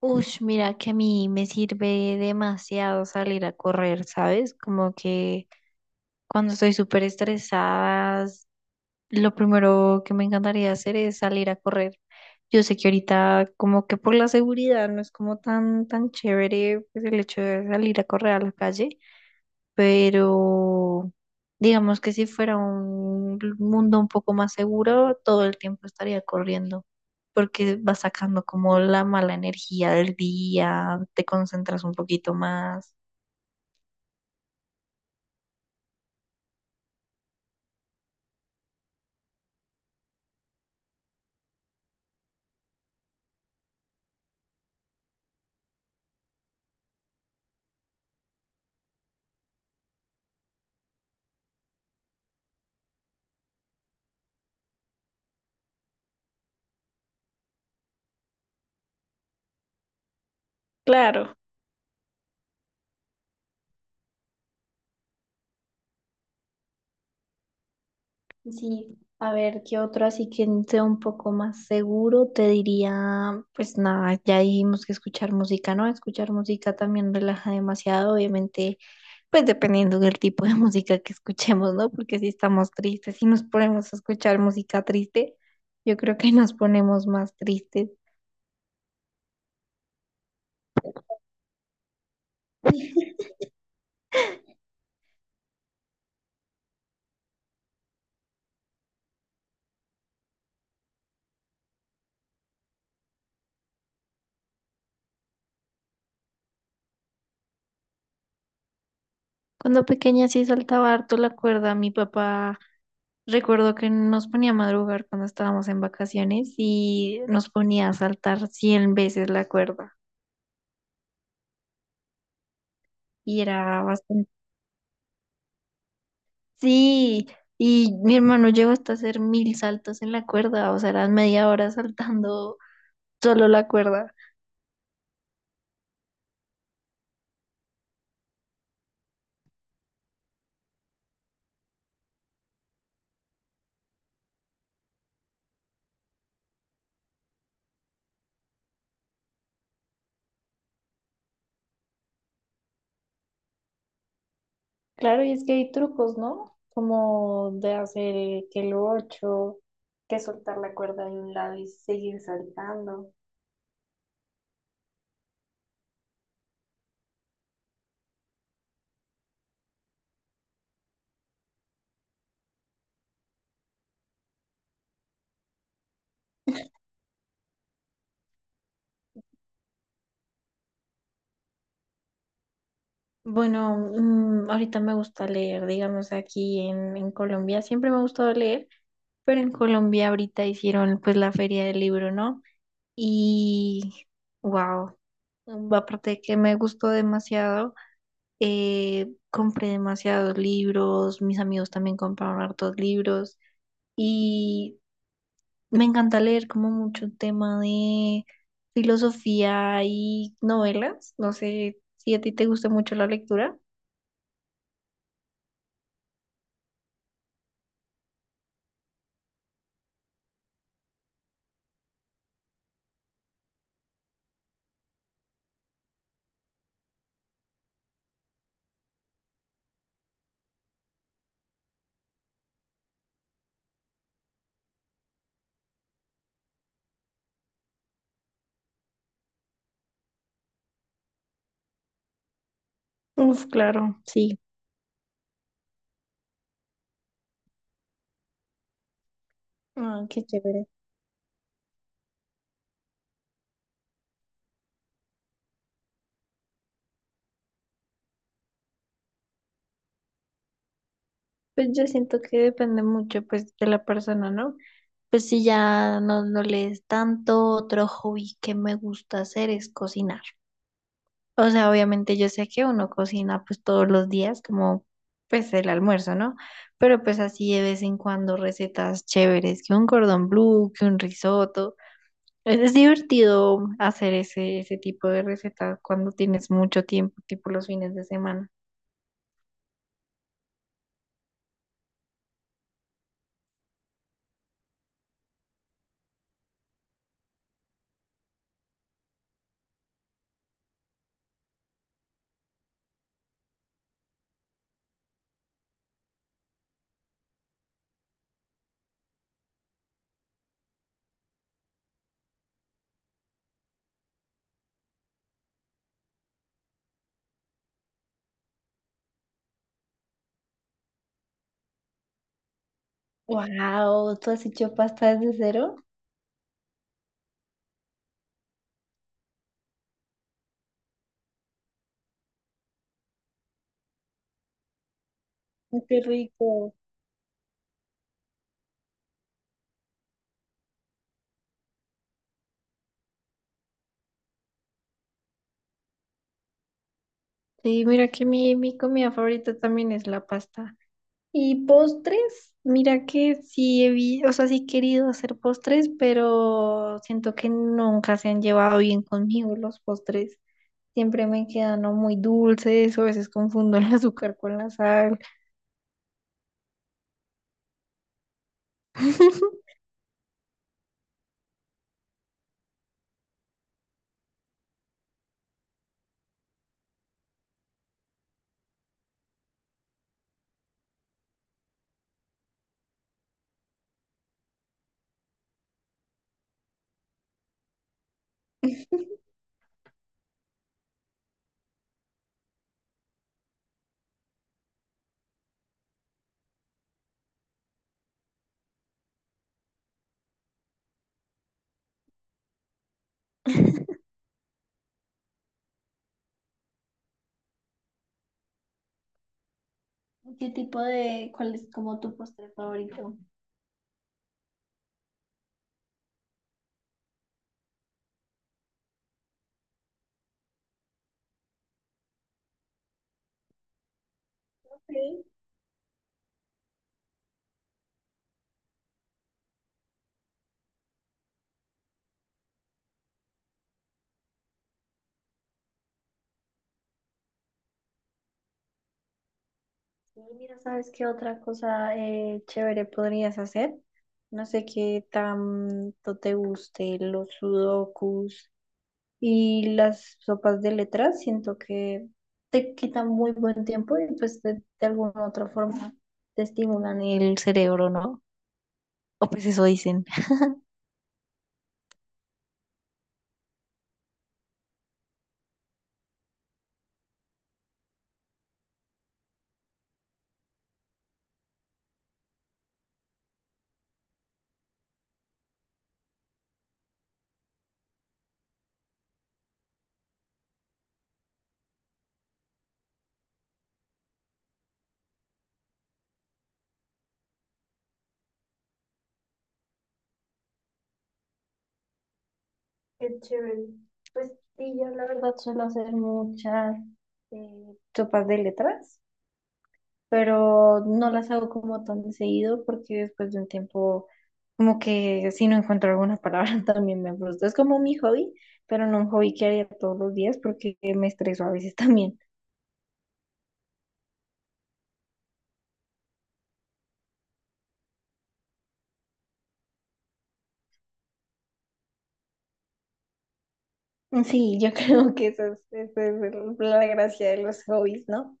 Ush, mira que a mí me sirve demasiado salir a correr, ¿sabes? Como que cuando estoy súper estresada, lo primero que me encantaría hacer es salir a correr. Yo sé que ahorita como que por la seguridad no es como tan tan chévere pues, el hecho de salir a correr a la calle, pero digamos que si fuera un mundo un poco más seguro, todo el tiempo estaría corriendo, porque vas sacando como la mala energía del día, te concentras un poquito más. Claro. Sí, a ver, ¿qué otro así que sea un poco más seguro? Te diría, pues nada, ya dijimos que escuchar música, ¿no? Escuchar música también relaja demasiado, obviamente. Pues dependiendo del tipo de música que escuchemos, ¿no? Porque si estamos tristes, si nos ponemos a escuchar música triste, yo creo que nos ponemos más tristes. Cuando pequeña sí saltaba harto la cuerda, mi papá recuerdo que nos ponía a madrugar cuando estábamos en vacaciones y nos ponía a saltar 100 veces la cuerda. Y era bastante... Sí, y mi hermano llegó hasta hacer 1.000 saltos en la cuerda, o sea, eran media hora saltando solo la cuerda. Claro, y es que hay trucos, ¿no? Como de hacer que el ocho, que soltar la cuerda de un lado y seguir saltando. Bueno, ahorita me gusta leer, digamos, aquí en Colombia, siempre me ha gustado leer, pero en Colombia ahorita hicieron pues la feria del libro, ¿no? Y wow, aparte de que me gustó demasiado, compré demasiados libros, mis amigos también compraron hartos libros. Y me encanta leer como mucho tema de filosofía y novelas. No sé si a ti te gusta mucho la lectura. Uf, claro, sí. Ah, qué chévere. Pues yo siento que depende mucho pues de la persona, ¿no? Pues si ya no, no lees tanto, otro hobby que me gusta hacer es cocinar. O sea, obviamente yo sé que uno cocina pues todos los días como pues el almuerzo, ¿no? Pero pues así de vez en cuando recetas chéveres, que un cordón blue, que un risotto. Es divertido hacer ese tipo de recetas cuando tienes mucho tiempo, tipo los fines de semana. Wow, ¿tú has hecho pasta desde cero? Ay, qué rico. Sí, mira que mi comida favorita también es la pasta. Y postres, mira que o sea, sí he querido hacer postres, pero siento que nunca se han llevado bien conmigo los postres. Siempre me quedan o muy dulces, o a veces confundo el azúcar con la sal. ¿Qué tipo de, cuál es como tu postre favorito? Okay. Sí, mira, ¿sabes qué otra cosa chévere podrías hacer? No sé qué tanto te guste los sudokus y las sopas de letras. Siento que te quitan muy buen tiempo y pues de alguna u otra forma te estimulan el cerebro, ¿no? O pues eso dicen. Qué chévere. Pues sí, yo la verdad suelo hacer muchas sopas de letras, pero no las hago como tan seguido porque después de un tiempo como que si no encuentro alguna palabra también me frustro. Es como mi hobby, pero no un hobby que haría todos los días porque me estreso a veces también. Sí, yo creo que eso es la gracia de los hobbies, ¿no?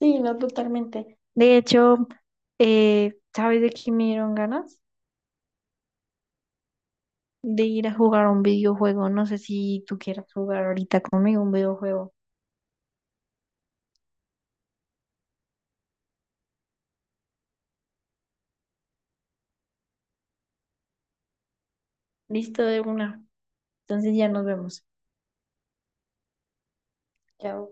Sí, no, totalmente. De hecho, ¿sabes de qué me dieron ganas? De ir a jugar un videojuego. No sé si tú quieras jugar ahorita conmigo un videojuego. Listo de una. Entonces ya nos vemos. Chao.